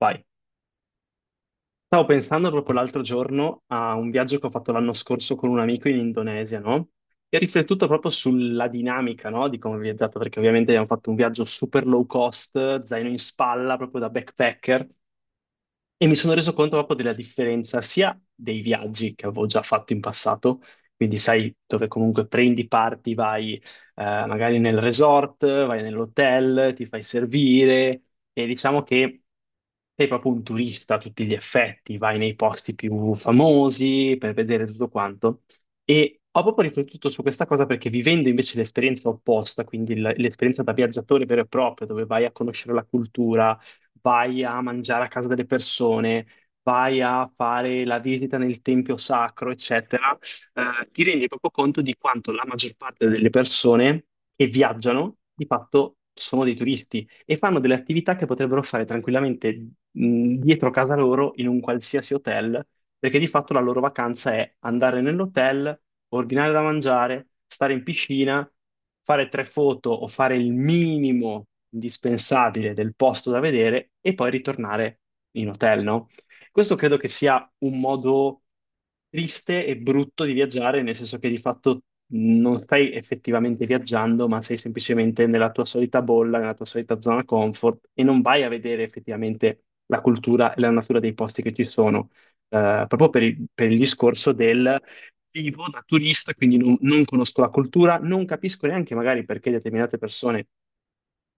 Vai. Stavo pensando proprio l'altro giorno a un viaggio che ho fatto l'anno scorso con un amico in Indonesia, no? E ho riflettuto proprio sulla dinamica, no? Di come ho viaggiato, perché ovviamente abbiamo fatto un viaggio super low cost, zaino in spalla, proprio da backpacker. E mi sono reso conto proprio della differenza sia dei viaggi che avevo già fatto in passato, quindi sai dove comunque prendi parti, vai magari nel resort, vai nell'hotel, ti fai servire e diciamo che sei proprio un turista a tutti gli effetti, vai nei posti più famosi per vedere tutto quanto. E ho proprio riflettuto su questa cosa perché vivendo invece l'esperienza opposta, quindi l'esperienza da viaggiatore vero e proprio, dove vai a conoscere la cultura, vai a mangiare a casa delle persone, vai a fare la visita nel tempio sacro, eccetera. Ti rendi proprio conto di quanto la maggior parte delle persone che viaggiano di fatto sono dei turisti e fanno delle attività che potrebbero fare tranquillamente, dietro casa loro in un qualsiasi hotel, perché di fatto la loro vacanza è andare nell'hotel, ordinare da mangiare, stare in piscina, fare tre foto o fare il minimo indispensabile del posto da vedere e poi ritornare in hotel, no? Questo credo che sia un modo triste e brutto di viaggiare, nel senso che di fatto non stai effettivamente viaggiando, ma sei semplicemente nella tua solita bolla, nella tua solita zona comfort e non vai a vedere effettivamente la cultura e la natura dei posti che ci sono, proprio per il discorso del vivo da turista, quindi non conosco la cultura, non capisco neanche magari perché determinate persone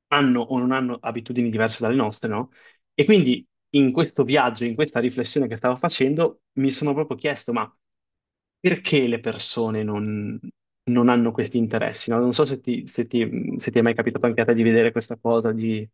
hanno o non hanno abitudini diverse dalle nostre, no? E quindi in questo viaggio, in questa riflessione che stavo facendo, mi sono proprio chiesto, ma perché le persone non hanno questi interessi, no? Non so se ti è mai capitato anche a te di vedere questa cosa, di...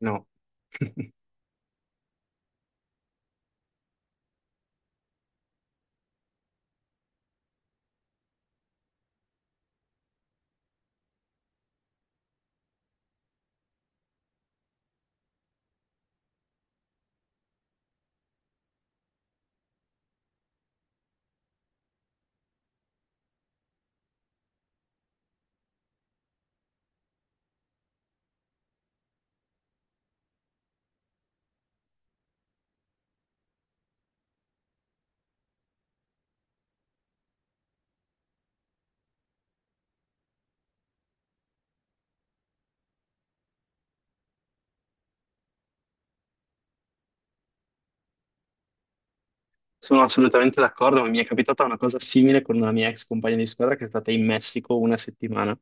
no. Sono assolutamente d'accordo, ma mi è capitata una cosa simile con una mia ex compagna di squadra che è stata in Messico una settimana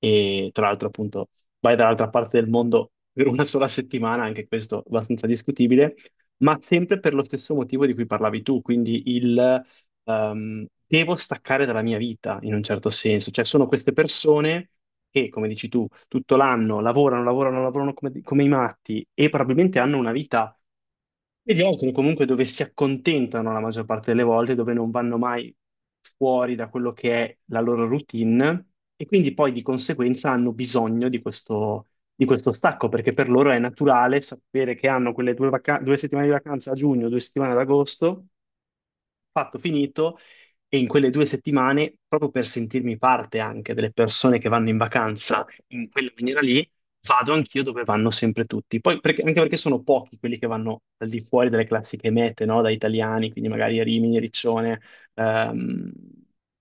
e tra l'altro appunto vai dall'altra parte del mondo per una sola settimana, anche questo abbastanza discutibile, ma sempre per lo stesso motivo di cui parlavi tu, quindi il devo staccare dalla mia vita in un certo senso, cioè sono queste persone che, come dici tu, tutto l'anno lavorano, lavorano, lavorano come i matti e probabilmente hanno una vita mediocre comunque dove si accontentano la maggior parte delle volte, dove non vanno mai fuori da quello che è la loro routine e quindi poi di conseguenza hanno bisogno di questo stacco perché per loro è naturale sapere che hanno quelle due, due settimane di vacanza a giugno, due settimane ad agosto, fatto, finito, e in quelle due settimane, proprio per sentirmi parte anche delle persone che vanno in vacanza in quella maniera lì, vado anch'io dove vanno sempre tutti. Poi, anche perché sono pochi quelli che vanno al di fuori delle classiche mete, no? Da italiani, quindi magari Rimini, Riccione, ehm,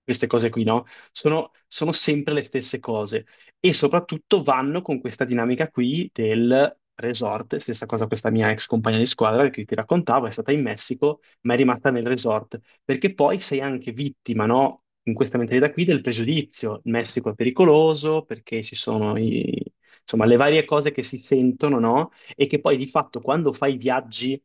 queste cose qui, no? Sono, sono sempre le stesse cose e soprattutto vanno con questa dinamica qui del resort, stessa cosa questa mia ex compagna di squadra che ti raccontavo, è stata in Messico, ma è rimasta nel resort perché poi sei anche vittima, no? In questa mentalità qui del pregiudizio. Il Messico è pericoloso perché ci sono insomma, le varie cose che si sentono, no? E che poi di fatto quando fai viaggi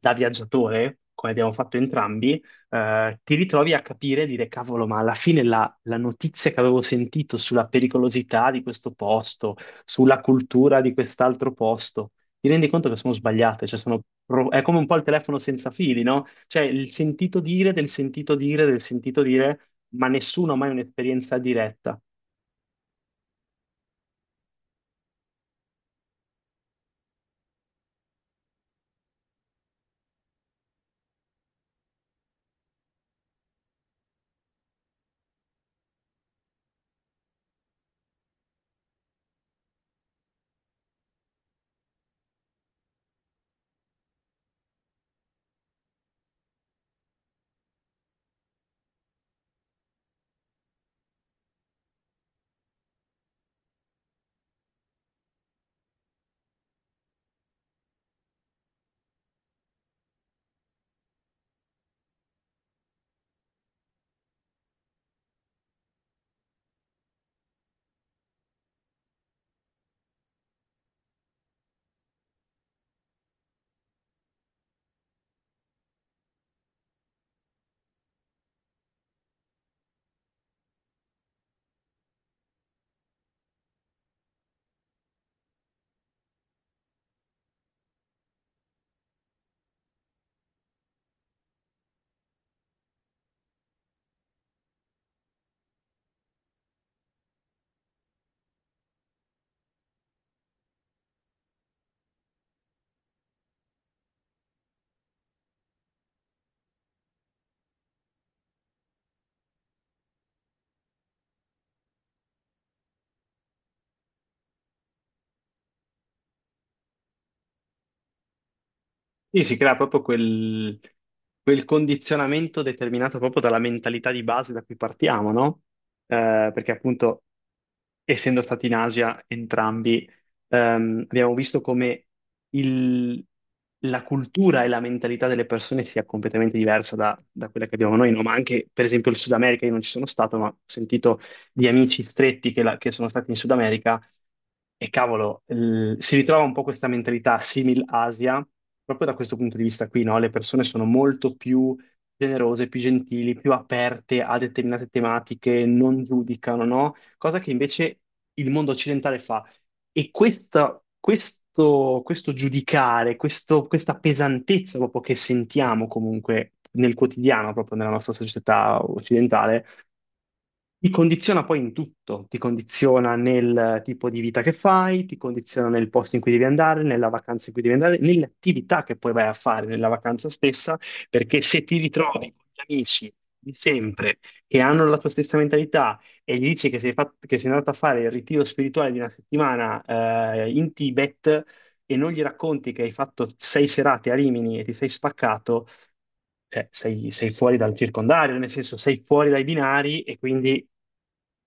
da viaggiatore, come abbiamo fatto entrambi, ti ritrovi a capire e dire, cavolo, ma alla fine la notizia che avevo sentito sulla pericolosità di questo posto, sulla cultura di quest'altro posto, ti rendi conto che sono sbagliate, cioè sono è come un po' il telefono senza fili, no? Cioè il sentito dire del sentito dire del sentito dire, ma nessuno ha mai un'esperienza diretta. Sì, si crea proprio quel, quel condizionamento determinato proprio dalla mentalità di base da cui partiamo, no? Perché appunto, essendo stati in Asia entrambi, abbiamo visto come il- la cultura e la mentalità delle persone sia completamente diversa da, da quella che abbiamo noi, no? Ma anche, per esempio, il Sud America, io non ci sono stato, ma ho sentito di amici stretti che sono stati in Sud America e cavolo, si ritrova un po' questa mentalità simil Asia, proprio da questo punto di vista qui, no? Le persone sono molto più generose, più gentili, più aperte a determinate tematiche, non giudicano, no? Cosa che invece il mondo occidentale fa. E questo, questo giudicare, questa pesantezza proprio che sentiamo comunque nel quotidiano, proprio nella nostra società occidentale, ti condiziona poi in tutto, ti condiziona nel tipo di vita che fai, ti condiziona nel posto in cui devi andare, nella vacanza in cui devi andare, nelle attività che poi vai a fare nella vacanza stessa, perché se ti ritrovi con gli amici di sempre che hanno la tua stessa mentalità e gli dici che sei andato a fare il ritiro spirituale di una settimana in Tibet e non gli racconti che hai fatto sei serate a Rimini e ti sei spaccato, cioè, sei, sei fuori dal circondario, nel senso sei fuori dai binari e quindi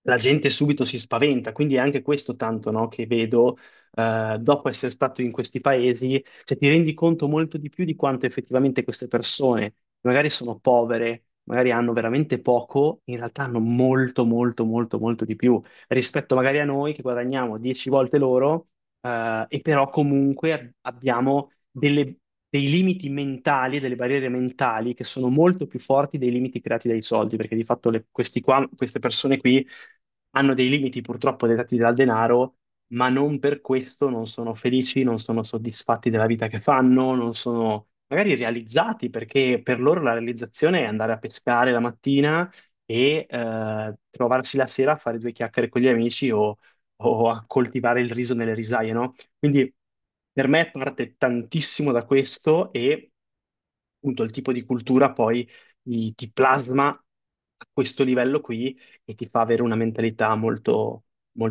la gente subito si spaventa. Quindi è anche questo tanto, no, che vedo dopo essere stato in questi paesi, cioè ti rendi conto molto di più di quanto effettivamente queste persone, magari sono povere, magari hanno veramente poco, in realtà hanno molto, molto, molto, molto di più rispetto magari a noi che guadagniamo 10 volte loro, e però comunque abbiamo dei limiti mentali, delle barriere mentali che sono molto più forti dei limiti creati dai soldi, perché di fatto queste persone qui hanno dei limiti purtroppo dettati dal denaro, ma non per questo non sono felici, non sono soddisfatti della vita che fanno, non sono magari realizzati, perché per loro la realizzazione è andare a pescare la mattina e trovarsi la sera a fare due chiacchiere con gli amici o a coltivare il riso nelle risaie, no? Quindi per me parte tantissimo da questo e appunto il tipo di cultura poi ti plasma a questo livello qui e ti fa avere una mentalità molto, molto